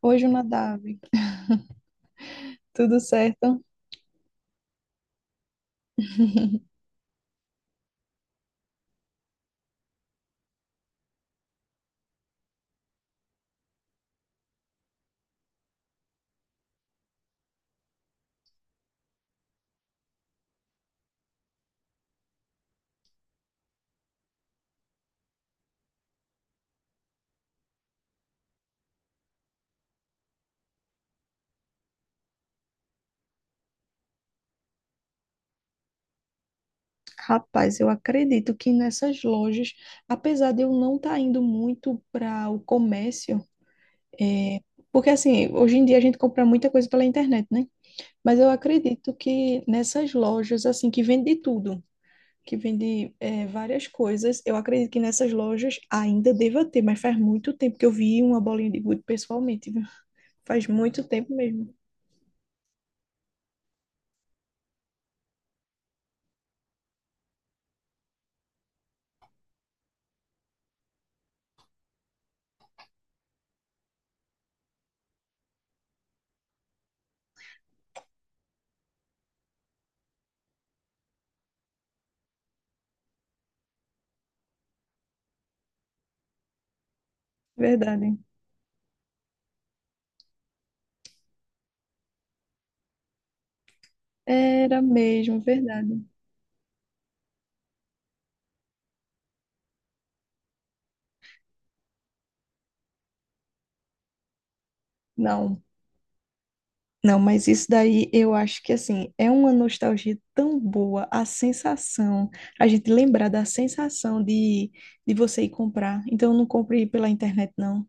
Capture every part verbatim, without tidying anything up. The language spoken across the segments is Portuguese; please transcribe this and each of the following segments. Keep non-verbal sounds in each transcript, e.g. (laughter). Hoje o Nadav. (laughs) Tudo certo? (laughs) Rapaz, eu acredito que nessas lojas, apesar de eu não estar indo muito para o comércio, é, porque assim, hoje em dia a gente compra muita coisa pela internet, né? Mas eu acredito que nessas lojas, assim, que vende tudo, que vende é, várias coisas, eu acredito que nessas lojas ainda deva ter, mas faz muito tempo que eu vi uma bolinha de gude pessoalmente, viu? Faz muito tempo mesmo, verdade. Era mesmo, verdade. Não, não, mas isso daí eu acho que assim é uma nostalgia tão boa, a sensação, a gente lembrar da sensação de, de você ir comprar. Então não compre pela internet, não.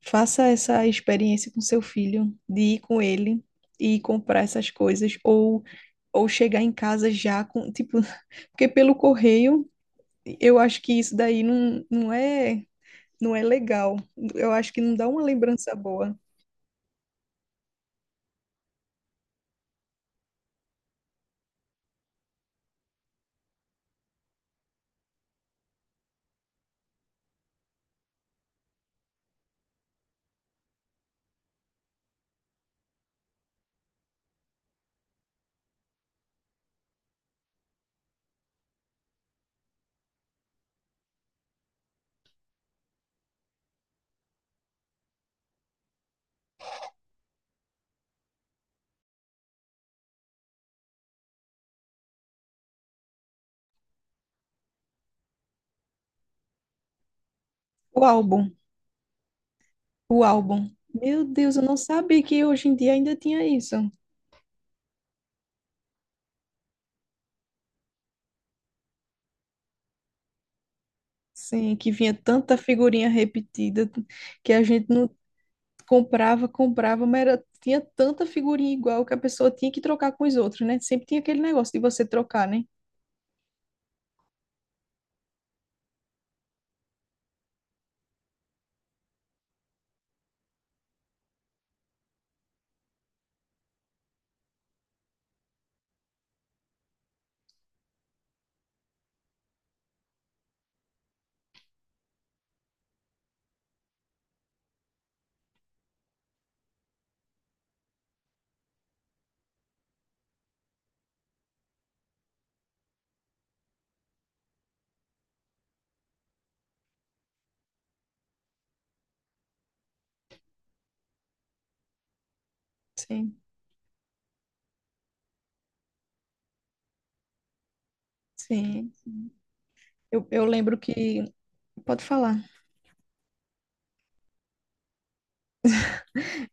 Faça essa experiência com seu filho, de ir com ele e comprar essas coisas, ou, ou chegar em casa já com, tipo, (laughs) porque pelo correio eu acho que isso daí não, não é, não é legal. Eu acho que não dá uma lembrança boa. O álbum. O álbum. Meu Deus, eu não sabia que hoje em dia ainda tinha isso. Sim, que vinha tanta figurinha repetida que a gente não comprava, comprava, mas era, tinha tanta figurinha igual que a pessoa tinha que trocar com os outros, né? Sempre tinha aquele negócio de você trocar, né? Sim, sim. Eu, eu lembro que. Pode falar.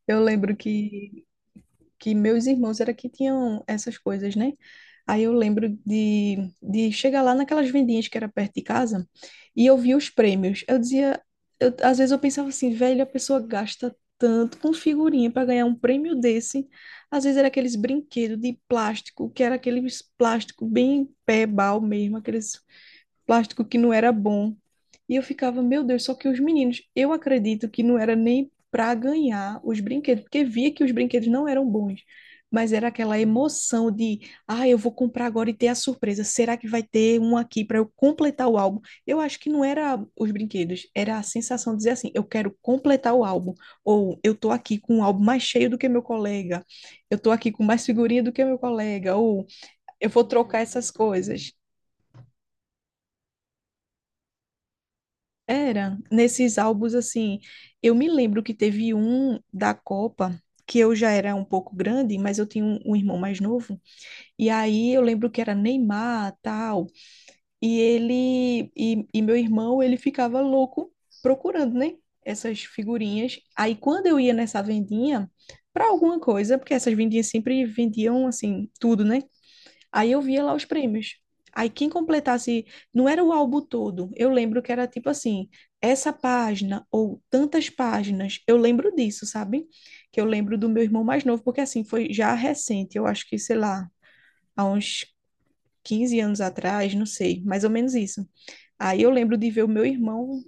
Eu lembro que que meus irmãos era que tinham essas coisas, né? Aí eu lembro de, de chegar lá naquelas vendinhas que era perto de casa e eu via os prêmios. Eu dizia, eu- às vezes eu pensava assim, velho, a pessoa gasta tanto com figurinha para ganhar um prêmio desse. Às vezes era aqueles brinquedos de plástico, que era aqueles plástico bem pé-bal mesmo, aqueles plástico que não era bom. E eu ficava, meu Deus, só que os meninos, eu acredito que não era nem para ganhar os brinquedos, porque via que os brinquedos não eram bons, mas era aquela emoção de, ah, eu vou comprar agora e ter a surpresa. Será que vai ter um aqui para eu completar o álbum? Eu acho que não era os brinquedos, era a sensação de dizer assim, eu quero completar o álbum, ou eu tô aqui com um álbum mais cheio do que meu colega, eu tô aqui com mais figurinha do que meu colega, ou eu vou trocar essas coisas. Era, nesses álbuns assim, eu me lembro que teve um da Copa, que eu já era um pouco grande, mas eu tinha um, um irmão mais novo, e aí eu lembro que era Neymar, tal, e ele, e, e meu irmão, ele ficava louco procurando, né, essas figurinhas, aí quando eu ia nessa vendinha, para alguma coisa, porque essas vendinhas sempre vendiam, assim, tudo, né, aí eu via lá os prêmios. Aí quem completasse, não era o álbum todo, eu lembro que era tipo assim, essa página ou tantas páginas, eu lembro disso, sabe? Que eu lembro do meu irmão mais novo, porque assim, foi já recente, eu acho que, sei lá, há uns quinze anos atrás, não sei, mais ou menos isso. Aí eu lembro de ver o meu irmão.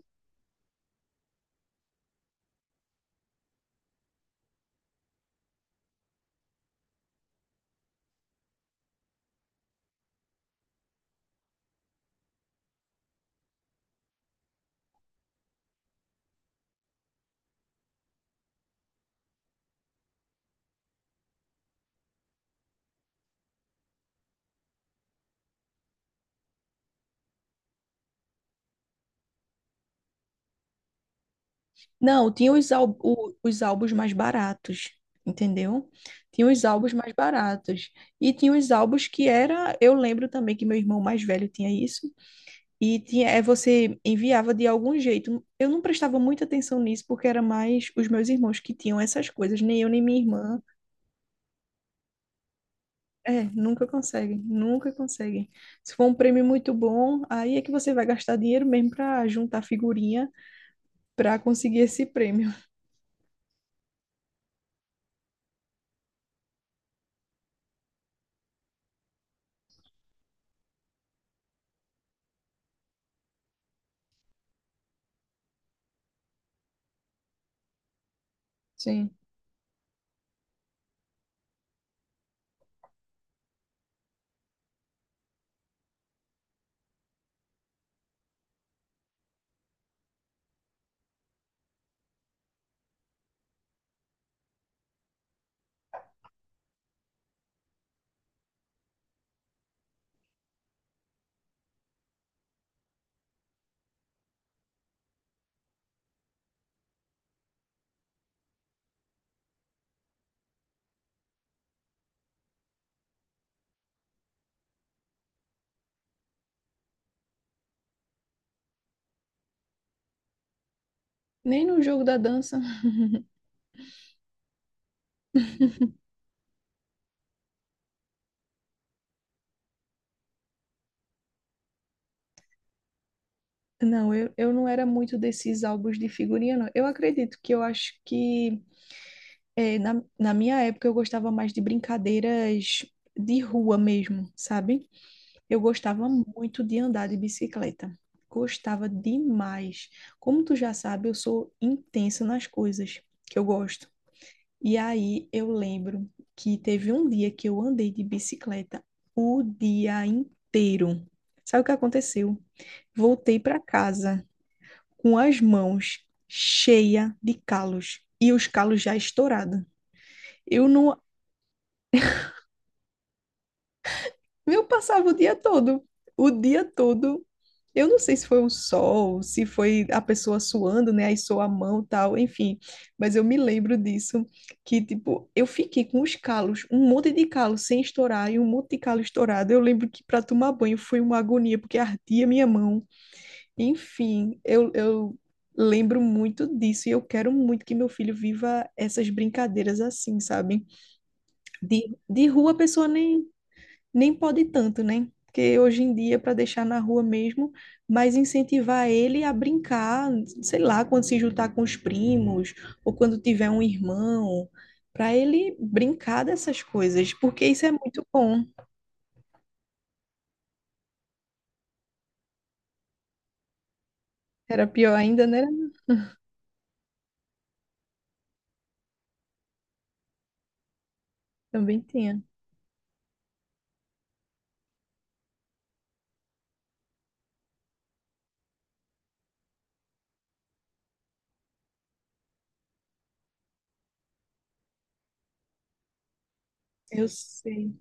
Não, tinha os, ál- o- os álbuns mais baratos, entendeu? Tinha os álbuns mais baratos. E tinha os álbuns que era. Eu lembro também que meu irmão mais velho tinha isso, e tinha, é, você enviava de algum jeito. Eu não prestava muita atenção nisso, porque era mais os meus irmãos que tinham essas coisas, nem eu nem minha irmã. É, nunca conseguem, nunca conseguem. Se for um prêmio muito bom, aí é que você vai gastar dinheiro mesmo para juntar figurinha para conseguir esse prêmio. Sim. Nem no jogo da dança. Não, eu, eu não era muito desses álbuns de figurinha, não. Eu acredito que eu acho que é, na, na minha época eu gostava mais de brincadeiras de rua mesmo, sabe? Eu gostava muito de andar de bicicleta. Gostava demais. Como tu já sabe, eu sou intensa nas coisas que eu gosto. E aí eu lembro que teve um dia que eu andei de bicicleta o dia inteiro. Sabe o que aconteceu? Voltei para casa com as mãos cheias de calos e os calos já estourados. Eu não Eu passava o dia todo, o dia todo. Eu não sei se foi o sol, se foi a pessoa suando, né? Aí sua a mão, tal, enfim. Mas eu me lembro disso, que tipo, eu fiquei com os calos, um monte de calo sem estourar e um monte de calo estourado. Eu lembro que para tomar banho foi uma agonia, porque ardia minha mão. Enfim, eu, eu lembro muito disso e eu quero muito que meu filho viva essas brincadeiras assim, sabe? De, de rua a pessoa nem nem pode tanto, né? Porque hoje em dia, para deixar na rua mesmo, mas incentivar ele a brincar, sei lá, quando se juntar com os primos, ou quando tiver um irmão, para ele brincar dessas coisas, porque isso é muito bom. Era pior ainda, né? Também tinha. Eu sei.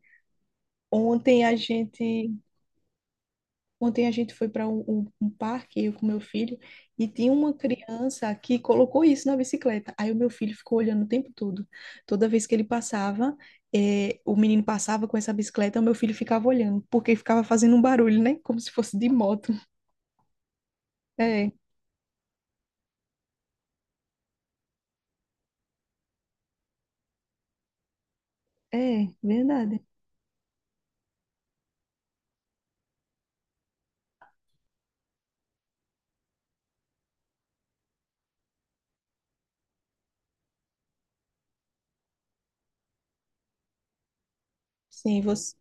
Ontem a gente Ontem a gente foi para um, um- um parque, eu com meu filho, e tinha uma criança que colocou isso na bicicleta. Aí o meu filho ficou olhando o tempo todo. Toda vez que ele passava, eh, o menino passava com essa bicicleta, o meu filho ficava olhando, porque ficava fazendo um barulho, né? Como se fosse de moto. É, é, verdade. Sim, você.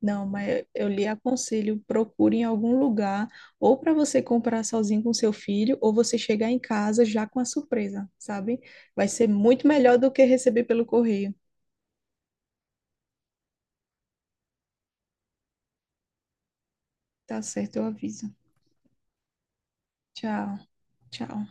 Não, mas eu lhe aconselho, procure em algum lugar, ou para você comprar sozinho com seu filho, ou você chegar em casa já com a surpresa, sabe? Vai ser muito melhor do que receber pelo correio. Tá certo, eu aviso. Tchau, tchau.